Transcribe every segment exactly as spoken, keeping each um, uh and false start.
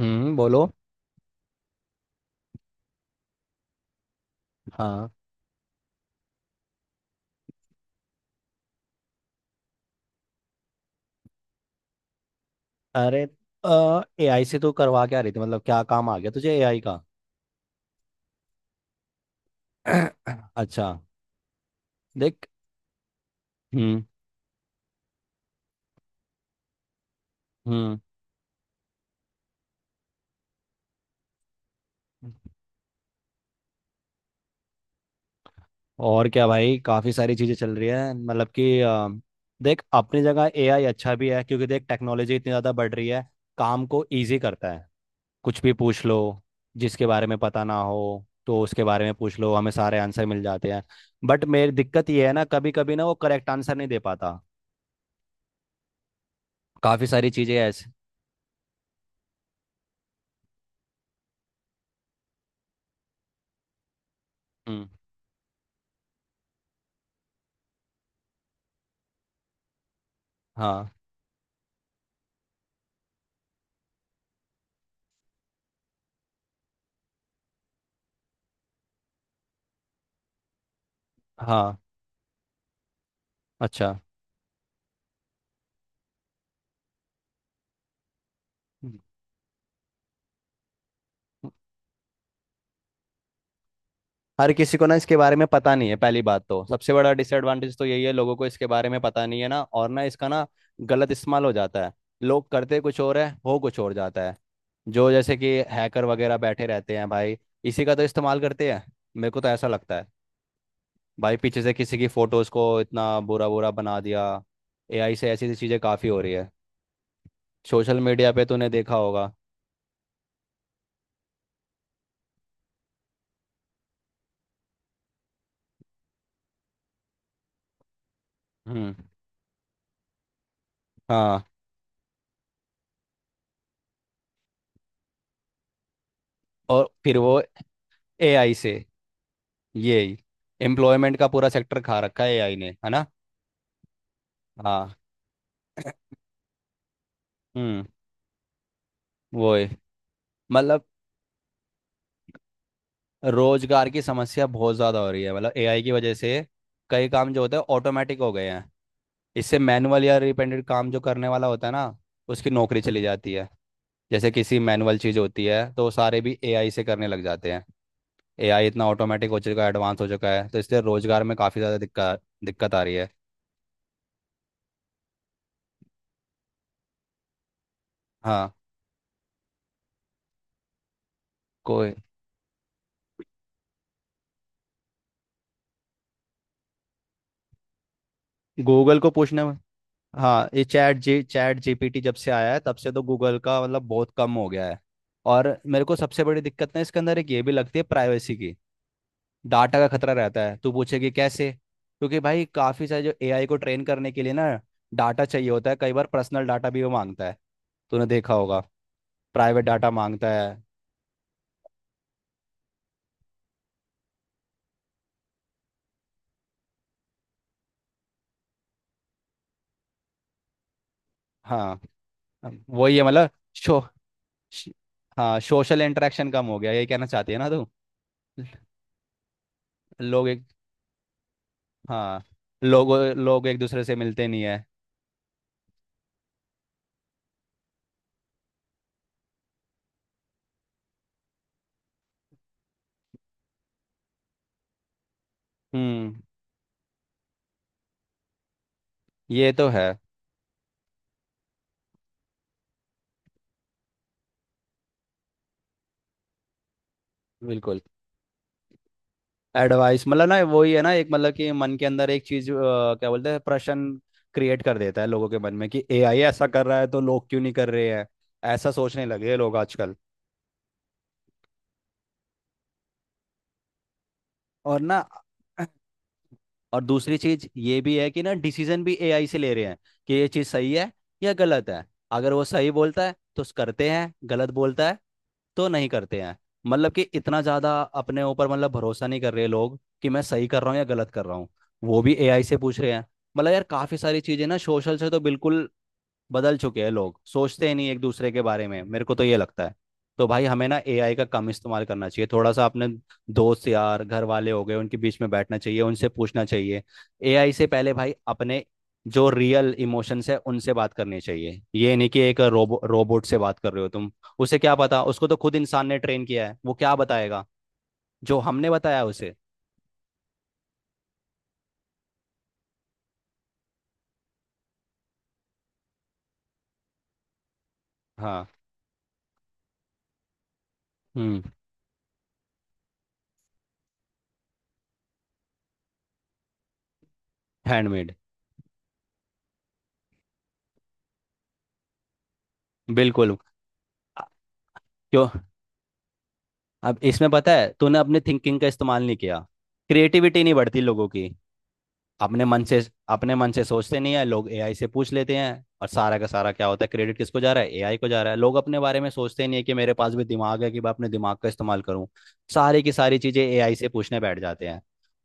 हम्म, बोलो। हाँ। अरे, आ, ए आई से तू करवा क्या रही थी? मतलब क्या काम आ गया तुझे ए आई का? अच्छा, देख। हम्म हम्म और क्या भाई, काफ़ी सारी चीज़ें चल रही है। मतलब कि अ, देख, अपनी जगह ए आई अच्छा भी है क्योंकि देख टेक्नोलॉजी इतनी ज़्यादा बढ़ रही है। काम को इजी करता है। कुछ भी पूछ लो, जिसके बारे में पता ना हो तो उसके बारे में पूछ लो, हमें सारे आंसर मिल जाते हैं। बट मेरी दिक्कत ये है ना, कभी कभी ना वो करेक्ट आंसर नहीं दे पाता। काफ़ी सारी चीज़ें ऐसे। हाँ, हाँ, अच्छा। हम्म। हर किसी को ना इसके बारे में पता नहीं है। पहली बात तो सबसे बड़ा डिसएडवांटेज तो यही है, लोगों को इसके बारे में पता नहीं है ना, और ना इसका ना गलत इस्तेमाल हो जाता है। लोग करते कुछ और है, हो कुछ और जाता है। जो जैसे कि हैकर वगैरह बैठे रहते हैं भाई, इसी का तो इस्तेमाल करते हैं। मेरे को तो ऐसा लगता है भाई, पीछे से किसी की फोटोज को इतना बुरा बुरा बना दिया। एआई से ऐसी ऐसी चीज़ें काफ़ी हो रही है। सोशल मीडिया पे तूने देखा होगा। हम्म। हाँ, और फिर वो एआई से, ये एम्प्लॉयमेंट का पूरा सेक्टर खा रखा है ए आई ने, है ना। हाँ। हम्म। वो है। मतलब रोजगार की समस्या बहुत ज़्यादा हो रही है, मतलब ए आई की वजह से। कई काम जो होते हैं ऑटोमेटिक हो गए हैं। इससे मैनुअल या रिपेंडेंट काम जो करने वाला होता है ना, उसकी नौकरी चली जाती है। जैसे किसी मैनुअल चीज़ होती है तो वो सारे भी ए आई से करने लग जाते हैं। एआई इतना ऑटोमेटिक हो चुका है, एडवांस हो चुका है, तो इसलिए रोजगार में काफ़ी ज़्यादा दिक्कत दिक्कत आ रही है। हाँ। कोई। गूगल को पूछना। हाँ, ये चैट जी चैट जीपीटी जब से आया है तब से तो गूगल का मतलब बहुत कम हो गया है। और मेरे को सबसे बड़ी दिक्कत ना इसके अंदर एक ये भी लगती है, प्राइवेसी की। डाटा का खतरा रहता है। तू पूछेगी कैसे? क्योंकि भाई काफ़ी सारे, जो एआई को ट्रेन करने के लिए ना, डाटा चाहिए होता है, कई बार पर्सनल डाटा भी वो मांगता है। तूने देखा होगा। प्राइवेट डाटा मांगता है। हाँ, वही है मतलब। शो श- हाँ, सोशल इंटरेक्शन कम हो गया, ये कहना चाहती है ना तू। लोग एक। हाँ, लोग, लोग एक दूसरे से मिलते नहीं है। हम्म, ये तो है। बिल्कुल। एडवाइस मतलब ना वही है ना, एक मतलब कि मन के अंदर एक चीज अ, क्या बोलते हैं, प्रश्न क्रिएट कर देता है लोगों के मन में, कि ए आई ऐसा कर रहा है तो लोग क्यों नहीं कर रहे हैं। ऐसा सोचने लगे हैं लोग आजकल। और ना और दूसरी चीज ये भी है कि ना, डिसीजन भी ए आई से ले रहे हैं, कि ये चीज सही है या गलत है। अगर वो सही बोलता है तो करते हैं, गलत बोलता है तो नहीं करते हैं। मतलब कि इतना ज्यादा अपने ऊपर मतलब भरोसा नहीं कर रहे लोग, कि मैं सही कर रहा हूँ या गलत कर रहा हूँ, वो भी ए आई से पूछ रहे हैं। मतलब यार काफी सारी चीजें ना, सोशल से तो बिल्कुल बदल चुके हैं लोग, सोचते ही नहीं एक दूसरे के बारे में, मेरे को तो ये लगता है। तो भाई हमें ना ए आई का कम इस्तेमाल करना चाहिए, थोड़ा सा अपने दोस्त यार घर वाले हो गए उनके बीच में बैठना चाहिए, उनसे पूछना चाहिए। एआई से पहले भाई अपने जो रियल इमोशंस है उनसे बात करनी चाहिए, ये नहीं कि एक रोबो रोबोट से बात कर रहे हो तुम। उसे क्या पता, उसको तो खुद इंसान ने ट्रेन किया है, वो क्या बताएगा जो हमने बताया उसे। हाँ। हम्म। हैंडमेड। बिल्कुल। अ- क्यों? अब इसमें पता है, तूने अपने थिंकिंग का इस्तेमाल नहीं किया। क्रिएटिविटी नहीं बढ़ती लोगों की। अपने मन से, अपने मन से सोचते नहीं है लोग, एआई से पूछ लेते हैं, और सारा का सारा क्या होता है, क्रेडिट किसको जा रहा है, ए आई को जा रहा है। लोग अपने बारे में सोचते नहीं है, कि मेरे पास भी दिमाग है, कि मैं अपने दिमाग का इस्तेमाल करूं। सारी की सारी चीजें एआई से पूछने बैठ जाते हैं।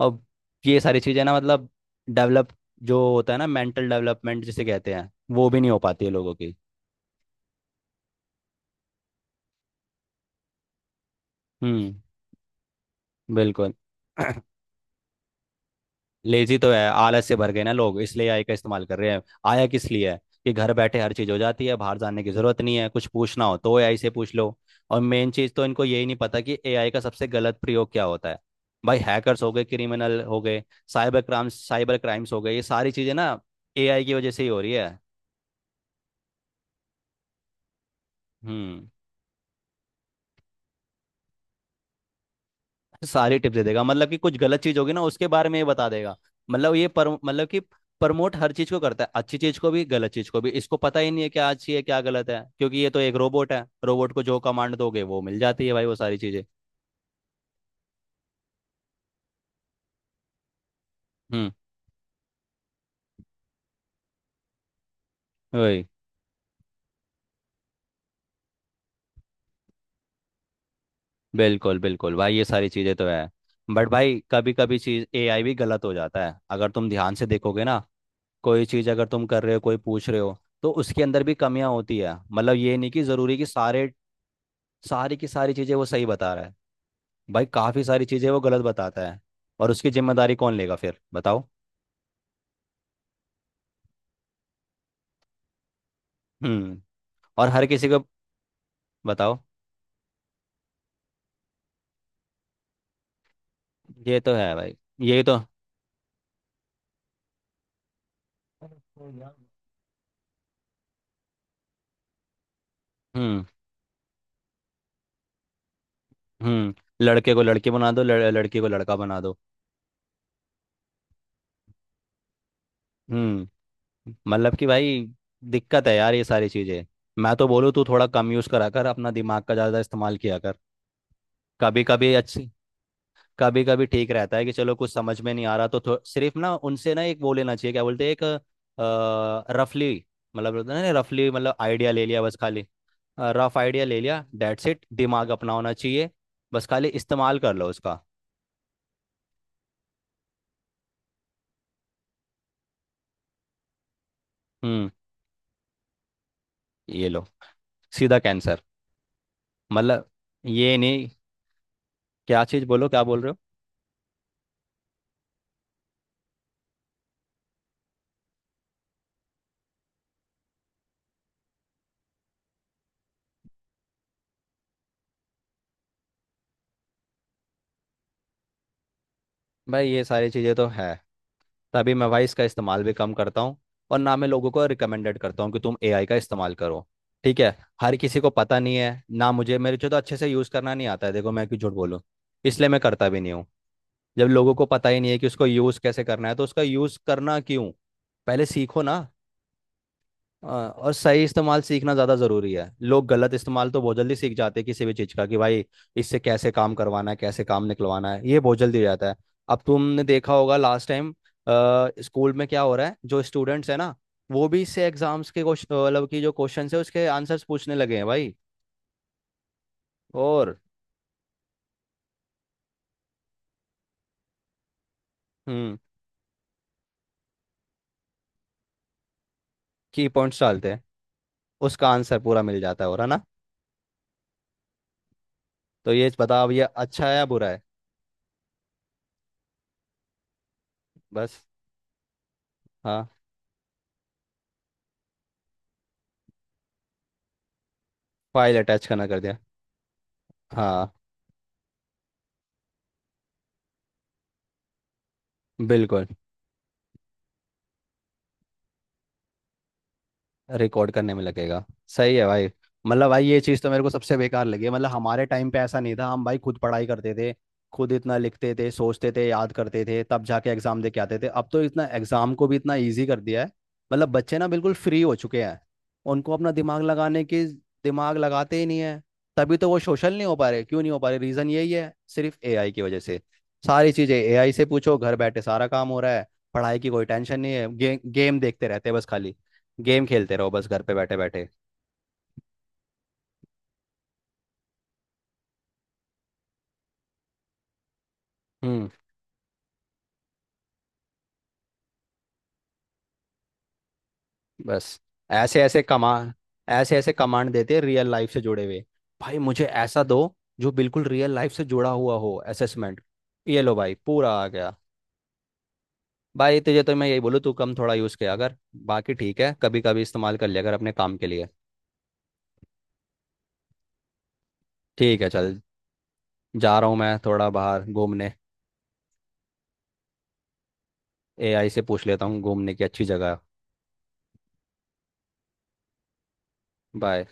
और ये सारी चीजें ना, मतलब डेवलप जो होता है ना, मेंटल डेवलपमेंट जिसे कहते हैं, वो भी नहीं हो पाती है लोगों की। हम्म। बिल्कुल। लेजी तो है, आलस से भर गए ना लोग, इसलिए ए आई का इस्तेमाल कर रहे हैं। आया किस लिए है? कि घर बैठे हर चीज़ हो जाती है, बाहर जाने की ज़रूरत नहीं है, कुछ पूछना हो तो एआई से पूछ लो। और मेन चीज़ तो इनको यही नहीं पता कि ए आई का सबसे गलत प्रयोग क्या होता है। भाई हैकर्स हो गए, क्रिमिनल हो गए, साइबर क्राइम, साइबर क्राइम्स हो गए, ये सारी चीज़ें ना ए आई की वजह से ही हो रही है। हम्म। सारी टिप्स दे देगा, मतलब कि कुछ गलत चीज होगी ना उसके बारे में ये बता देगा। मतलब ये, पर मतलब कि प्रमोट हर चीज को करता है, अच्छी चीज को भी गलत चीज को भी, इसको पता ही नहीं है क्या अच्छी है क्या गलत है, क्योंकि ये तो एक रोबोट है, रोबोट को जो कमांड दोगे वो मिल जाती है भाई, वो सारी चीजें। हम्म, वही। बिल्कुल बिल्कुल भाई, ये सारी चीजें तो है। बट भाई कभी कभी चीज ए आई भी गलत हो जाता है, अगर तुम ध्यान से देखोगे ना। कोई चीज अगर तुम कर रहे हो, कोई पूछ रहे हो, तो उसके अंदर भी कमियां होती है। मतलब ये नहीं कि जरूरी कि सारे सारी की सारी चीजें वो सही बता रहा है। भाई काफी सारी चीजें वो गलत बताता है। और उसकी जिम्मेदारी कौन लेगा फिर, बताओ? हम्म। और हर किसी को। बताओ, ये तो है भाई, यही तो। हम्म। हम्म। लड़के को लड़की बना दो, लड़, लड़की को लड़का बना दो। हम्म। मतलब कि भाई, दिक्कत है यार ये सारी चीजें। मैं तो बोलूँ तू थोड़ा कम यूज करा कर, अपना दिमाग का ज्यादा इस्तेमाल किया कर। कभी कभी अच्छी, कभी कभी ठीक रहता है, कि चलो कुछ समझ में नहीं आ रहा तो थो- सिर्फ ना उनसे ना एक वो लेना चाहिए, क्या बोलते हैं, एक रफली, मतलब होता है ना रफली, मतलब आइडिया ले लिया बस खाली। रफ आइडिया ले लिया, दैट्स इट, दिमाग अपना होना चाहिए। बस खाली इस्तेमाल कर लो उसका। हम्म। ये लो, सीधा कैंसर। मतलब ये नहीं, क्या चीज़ बोलो, क्या बोल रहे हो। भाई ये सारी चीज़ें तो है। तभी मैं भाई इसका इस्तेमाल भी कम करता हूँ, और ना मैं लोगों को रिकमेंडेड करता हूँ कि तुम ए आई का इस्तेमाल करो। ठीक है। हर किसी को पता नहीं है ना, मुझे, मेरे को तो अच्छे से यूज़ करना नहीं आता है, देखो मैं क्यों झूठ बोलूँ। इसलिए मैं करता भी नहीं हूँ। जब लोगों को पता ही नहीं है कि उसको यूज़ कैसे करना है तो उसका यूज़ करना क्यों? पहले सीखो ना। हाँ, और सही इस्तेमाल सीखना ज़्यादा ज़रूरी है। लोग गलत इस्तेमाल तो बहुत जल्दी सीख जाते हैं किसी भी चीज़ का, कि भाई इससे कैसे काम करवाना है, कैसे काम निकलवाना है, ये बहुत जल्दी हो जाता है। अब तुमने देखा होगा लास्ट टाइम, स्कूल में क्या हो रहा है, जो स्टूडेंट्स है ना, वो भी इससे एग्जाम्स के क्वेश्चन, मतलब की जो क्वेश्चन है उसके आंसर्स पूछने लगे हैं भाई। और हम्म, की पॉइंट्स डालते हैं, उसका आंसर पूरा मिल जाता है, और है ना। तो ये बताओ अब ये अच्छा है या बुरा है? बस। हाँ, फाइल अटैच करना कर दिया। हाँ, बिल्कुल, रिकॉर्ड करने में लगेगा। सही है भाई। मतलब भाई ये चीज़ तो मेरे को सबसे बेकार लगी है, मतलब हमारे टाइम पे ऐसा नहीं था, हम भाई खुद पढ़ाई करते थे, खुद इतना लिखते थे, सोचते थे, याद करते थे, तब जाके एग्जाम दे के आते थे। अब तो इतना एग्जाम को भी इतना ईजी कर दिया है, मतलब बच्चे ना बिल्कुल फ्री हो चुके हैं, उनको अपना दिमाग लगाने की। दिमाग लगाते ही नहीं है। तभी तो वो सोशल नहीं हो पा रहे, क्यों नहीं हो पा रहे, रीज़न यही है, सिर्फ एआई की वजह से। सारी चीज़ें ए आई से पूछो, घर बैठे सारा काम हो रहा है। पढ़ाई की कोई टेंशन नहीं है, गे, गेम देखते रहते हैं बस खाली। गेम खेलते रहो बस घर पे बैठे बैठे। हम्म। बस ऐसे ऐसे कमा ऐसे ऐसे कमांड देते हैं, रियल लाइफ से जुड़े हुए। भाई मुझे ऐसा दो, जो बिल्कुल रियल लाइफ से जुड़ा हुआ हो, असेसमेंट। ये लो भाई, पूरा आ गया। भाई तुझे तो मैं यही बोलूँ, तू कम थोड़ा यूज़ किया अगर, बाकी ठीक है, कभी कभी इस्तेमाल कर लिया अगर अपने काम के लिए। ठीक है, चल। जा रहा हूँ मैं थोड़ा बाहर घूमने। ए आई से पूछ लेता हूँ घूमने की अच्छी जगह। बाय।